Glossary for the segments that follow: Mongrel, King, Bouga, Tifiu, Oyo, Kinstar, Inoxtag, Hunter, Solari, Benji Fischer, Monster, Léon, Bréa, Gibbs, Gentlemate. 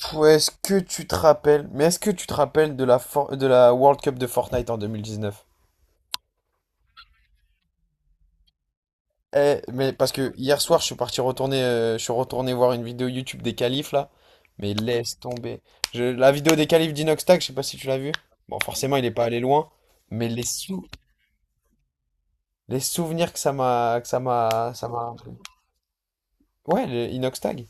Est-ce que tu te rappelles, mais est-ce que tu te rappelles de la World Cup de Fortnite en 2019? Mais parce que hier soir, je suis retourné voir une vidéo YouTube des qualifs là, mais laisse tomber. La vidéo des qualifs d'Inoxtag, je sais pas si tu l'as vue. Bon, forcément, il est pas allé loin, mais les souvenirs ça m'a. Ouais, le Inoxtag.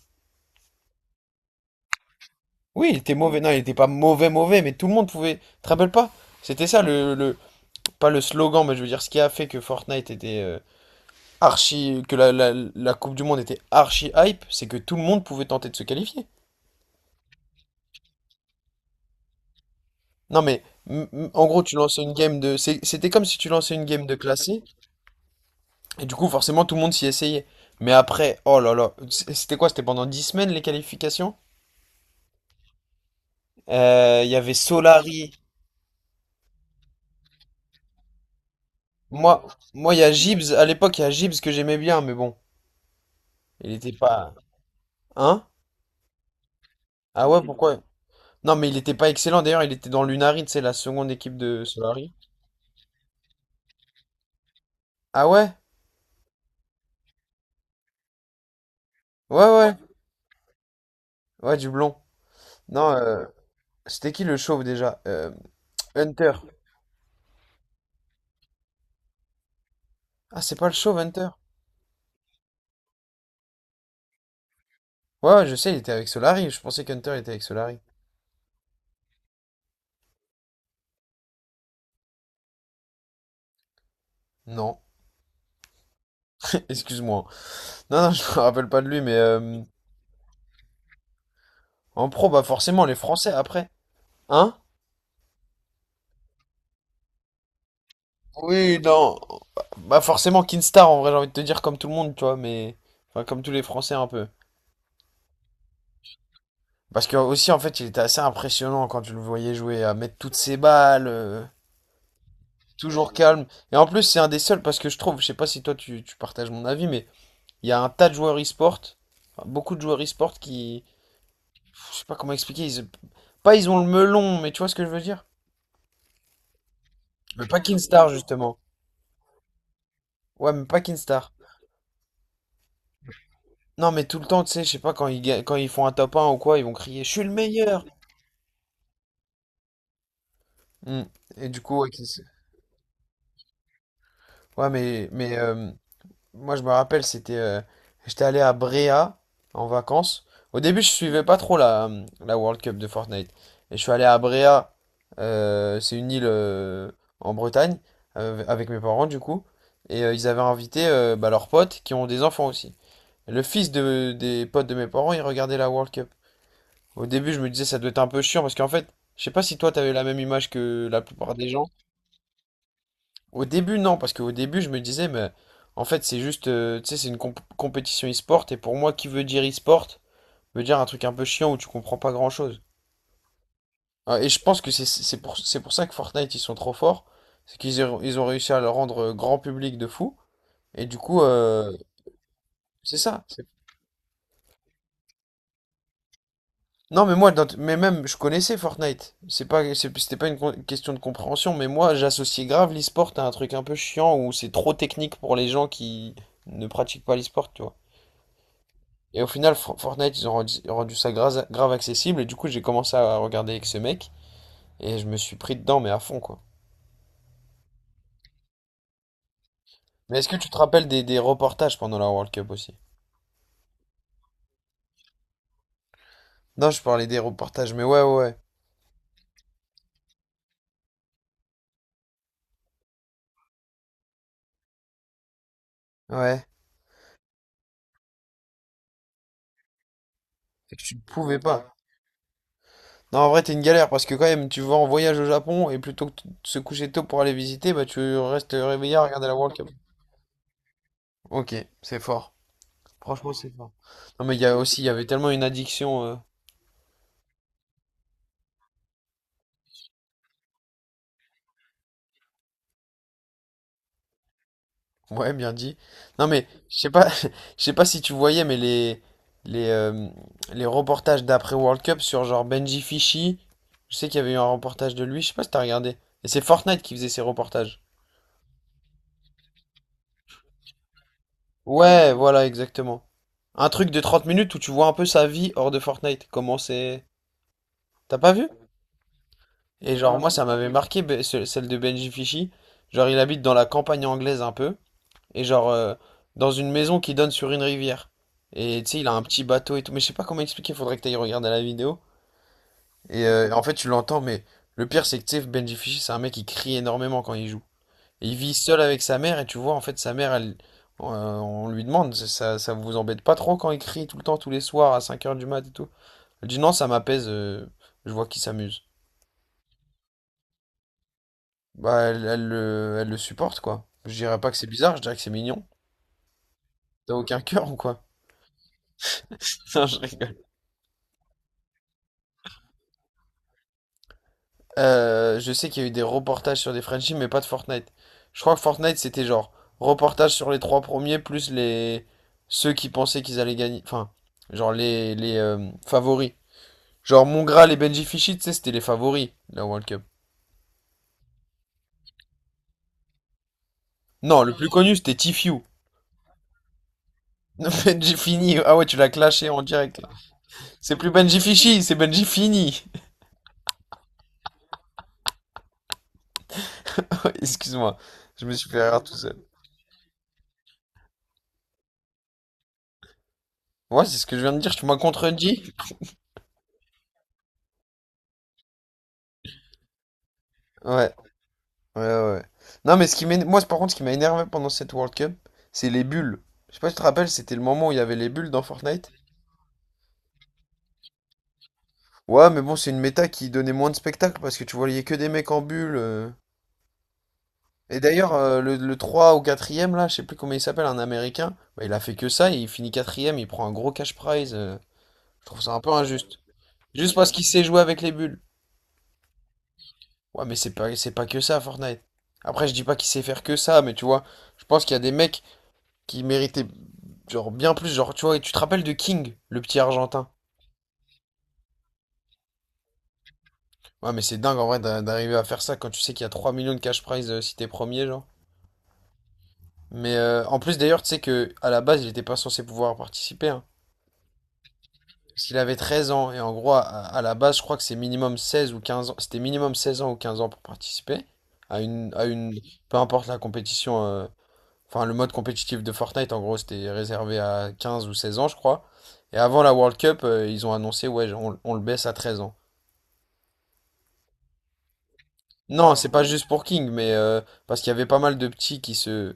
Oui, il était mauvais. Non, il était pas mauvais, mauvais, mais tout le monde pouvait. Tu te rappelles pas? C'était ça pas le slogan, mais je veux dire ce qui a fait que Fortnite était, que la, la Coupe du Monde était archi hype, c'est que tout le monde pouvait tenter de se qualifier. Non mais en gros tu lançais une game de, c'est- c'était comme si tu lançais une game de classé et du coup forcément tout le monde s'y essayait. Mais après, oh là là, c'était quoi? C'était pendant 10 semaines les qualifications? Il y avait Solari. Moi, moi, il y a Gibbs. À l'époque il y a Gibbs que j'aimais bien, mais bon, il était pas, hein? Ah ouais, pourquoi? Non mais il était pas excellent. D'ailleurs il était dans l'Unari, c'est la seconde équipe de Solari. Ah ouais? Ouais, ouais. Ouais, du blond. Non, c'était qui le chauve déjà? Hunter. Ah, c'est pas le chauve, Hunter? Ouais, ouais, je sais, il était avec Solari. Je pensais qu'Hunter était avec Solari. Non, excuse-moi. Non, non, je me rappelle pas de lui, mais en pro, bah forcément, les Français après. Hein? Oui, non. Bah forcément, Kinstar, en vrai, j'ai envie de te dire comme tout le monde, tu vois, mais... Enfin, comme tous les Français un peu. Parce que aussi, en fait, il était assez impressionnant quand tu le voyais jouer, à mettre toutes ses balles, toujours calme. Et en plus, c'est un des seuls, parce que je trouve, je sais pas si toi tu partages mon avis, mais il y a un tas de joueurs e-sport, enfin, beaucoup de joueurs e-sport qui, je sais pas comment expliquer, pas ils ont le melon, mais tu vois ce que je veux dire? Mais pas Kinstar justement. Ouais, mais pas Kinstar. Non, mais tout le temps, tu sais, je sais pas, quand ils font un top 1 ou quoi, ils vont crier, je suis le meilleur! Hmm. Et du coup, ouais, ouais, mais Moi, je me rappelle, c'était, j'étais allé à Bréa en vacances. Au début, je suivais pas trop la World Cup de Fortnite. Et je suis allé à Bréa, c'est une île en Bretagne, avec mes parents du coup. Et ils avaient invité bah, leurs potes qui ont des enfants aussi. Le fils des potes de mes parents, il regardait la World Cup. Au début, je me disais, ça doit être un peu chiant parce qu'en fait, je sais pas si toi, t'avais la même image que la plupart des gens. Au début, non, parce qu'au début, je me disais, mais en fait, c'est juste, tu sais, c'est une compétition e-sport, et pour moi, qui veut dire e-sport, veut dire un truc un peu chiant où tu comprends pas grand-chose. Ah, et je pense que c'est pour ça que Fortnite, ils sont trop forts, c'est qu'ils ont réussi à le rendre grand public de fou, et du coup, c'est ça. Non, mais moi, mais même, je connaissais Fortnite, c'était pas une question de compréhension, mais moi, j'associais grave l'e-sport à un truc un peu chiant où c'est trop technique pour les gens qui ne pratiquent pas l'e-sport, tu vois. Et au final, Fortnite, ils ont rendu, rendu ça grave, grave accessible. Et du coup, j'ai commencé à regarder avec ce mec. Et je me suis pris dedans, mais à fond, quoi. Mais est-ce que tu te rappelles des reportages pendant la World Cup aussi? Non, je parlais des reportages, mais ouais, ouais, ouais. Ouais. C'est que tu ne pouvais pas. Non, en vrai, t'es une galère parce que quand même, tu vas en voyage au Japon et plutôt que de se coucher tôt pour aller visiter, bah tu restes réveillé à regarder la World Cup. Ok, c'est fort. Franchement, c'est fort. Non, mais il y a aussi, il y avait tellement une addiction. Ouais, bien dit. Non mais je sais pas, je sais pas si tu voyais, mais les euh, les reportages d'après World Cup sur genre Benji Fischi, je sais qu'il y avait eu un reportage de lui, je sais pas si t'as regardé. Et c'est Fortnite qui faisait ces reportages. Ouais, voilà, exactement. Un truc de 30 minutes où tu vois un peu sa vie hors de Fortnite. Comment c'est. T'as pas vu? Et genre moi ça m'avait marqué celle de Benji Fischi. Genre il habite dans la campagne anglaise un peu. Et genre, dans une maison qui donne sur une rivière. Et tu sais, il a un petit bateau et tout. Mais je sais pas comment expliquer, faudrait que t'ailles regarder la vidéo. Et en fait, tu l'entends, mais le pire, c'est que tu sais, Benji Fischer, c'est un mec qui crie énormément quand il joue. Et il vit seul avec sa mère, et tu vois, en fait, sa mère, elle, on lui demande, ça vous embête pas trop quand il crie tout le temps, tous les soirs, à 5 heures du mat et tout. Elle dit non, ça m'apaise, je vois qu'il s'amuse. Bah, elle le supporte, quoi. Je dirais pas que c'est bizarre, je dirais que c'est mignon. T'as aucun cœur ou quoi? Non, je rigole. Je sais qu'il y a eu des reportages sur des Frenchies, mais pas de Fortnite. Je crois que Fortnite, c'était genre reportage sur les trois premiers, plus les ceux qui pensaient qu'ils allaient gagner. Enfin, genre les, favoris. Genre Mongrel et Benji Fichy, tu sais, c'était les favoris, la World Cup. Non, le plus connu, c'était Tifiu. Benji Fini. Ah ouais, tu l'as clashé en direct, là. C'est plus Benji Fichy, c'est Benji Fini. Excuse-moi, je me suis fait rire tout seul. Ouais, c'est ce que je viens de dire, tu m'as contredit. Ouais. Ouais, ouais, ouais. Non, mais ce qui moi, par contre, ce qui m'a énervé pendant cette World Cup, c'est les bulles. Je sais pas si tu te rappelles, c'était le moment où il y avait les bulles dans Fortnite. Ouais, mais bon, c'est une méta qui donnait moins de spectacle parce que tu voyais que des mecs en bulles. Et d'ailleurs, le 3 ou quatrième là, je sais plus comment il s'appelle, un Américain, bah, il a fait que ça et il finit quatrième, il prend un gros cash prize. Je trouve ça un peu injuste. Juste parce qu'il sait jouer avec les bulles. Ouais, mais c'est pas que ça, Fortnite. Après, je dis pas qu'il sait faire que ça, mais tu vois, je pense qu'il y a des mecs qui méritait genre bien plus. Genre, tu vois, et tu te rappelles de King, le petit Argentin. Ouais, mais c'est dingue en vrai d'arriver à faire ça quand tu sais qu'il y a 3 millions de cash prize, si t'es premier, genre. Mais en plus d'ailleurs, tu sais que à la base, il était pas censé pouvoir participer, hein, parce qu'il avait 13 ans et en gros, à la base, je crois que c'est minimum 16 ou 15 ans, c'était minimum 16 ans ou 15 ans pour participer à une peu importe la compétition, enfin le mode compétitif de Fortnite en gros, c'était réservé à 15 ou 16 ans, je crois. Et avant la World Cup, ils ont annoncé ouais, on le baisse à 13 ans. Non, c'est pas juste pour King, mais parce qu'il y avait pas mal de petits qui se,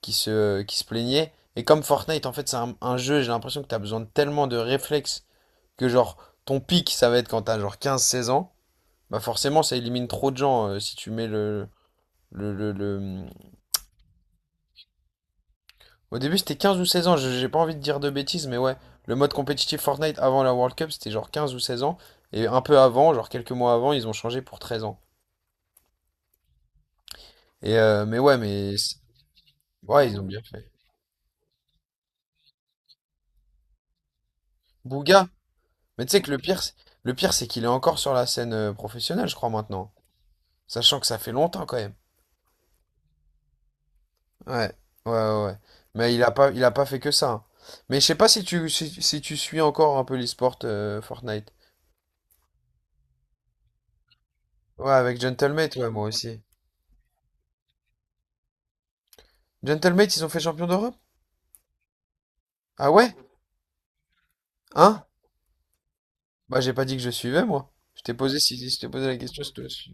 qui se, euh, qui se plaignaient. Et comme Fortnite, en fait, c'est un jeu, j'ai l'impression que t'as besoin de tellement de réflexes que genre ton pic, ça va être quand t'as genre 15 16 ans. Bah forcément, ça élimine trop de gens, si tu mets le, le, le- Au début, c'était 15 ou 16 ans, j'ai pas envie de dire de bêtises, mais ouais, le mode compétitif Fortnite avant la World Cup, c'était genre 15 ou 16 ans. Et un peu avant, genre quelques mois avant, ils ont changé pour 13 ans. Et mais... Ouais, ils ont bien fait. Bouga? Mais tu sais que le pire, c'est qu'il est encore sur la scène, professionnelle, je crois, maintenant. Sachant que ça fait longtemps quand même. Ouais, ouais, ouais. Ouais. Mais il a pas fait que ça, hein. Mais je sais pas si tu suis encore un peu l'esport, Fortnite. Ouais, avec Gentlemate, ouais, moi aussi. Gentlemate, ils ont fait champion d'Europe? Ah ouais? Hein? Bah, j'ai pas dit que je suivais, moi. Je t'ai posé, si je t'ai posé la question, si toi, tu-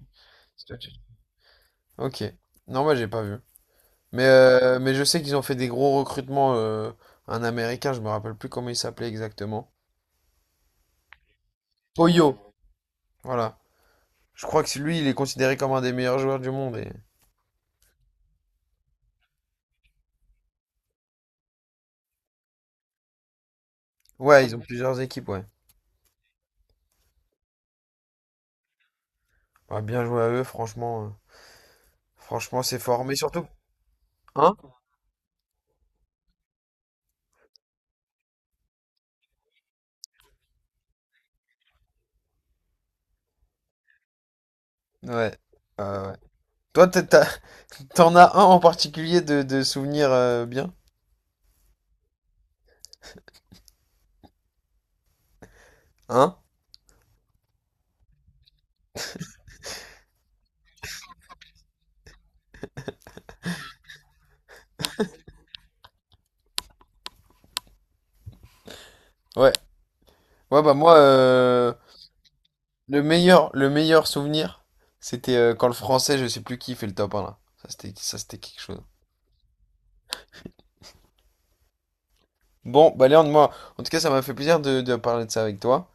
si toi tu- Ok. Non, moi, j'ai pas vu. Mais je sais qu'ils ont fait des gros recrutements. Un Américain, je me rappelle plus comment il s'appelait exactement. Oyo, voilà. Je crois que lui, il est considéré comme un des meilleurs joueurs du monde. Et... Ouais, ils ont plusieurs équipes, ouais. Bah, bien joué à eux, franchement. Franchement, c'est fort. Mais surtout, hein? Ouais. Ouais. Toi, t'en as un en particulier de souvenir, bien? Hein? Ouais. Ouais, bah moi, le meilleur souvenir, c'était, quand le français, je sais plus qui, fait le top 1 là. Ça, c'était quelque chose. Bon, bah Léon, moi, en tout cas, ça m'a fait plaisir de parler de ça avec toi.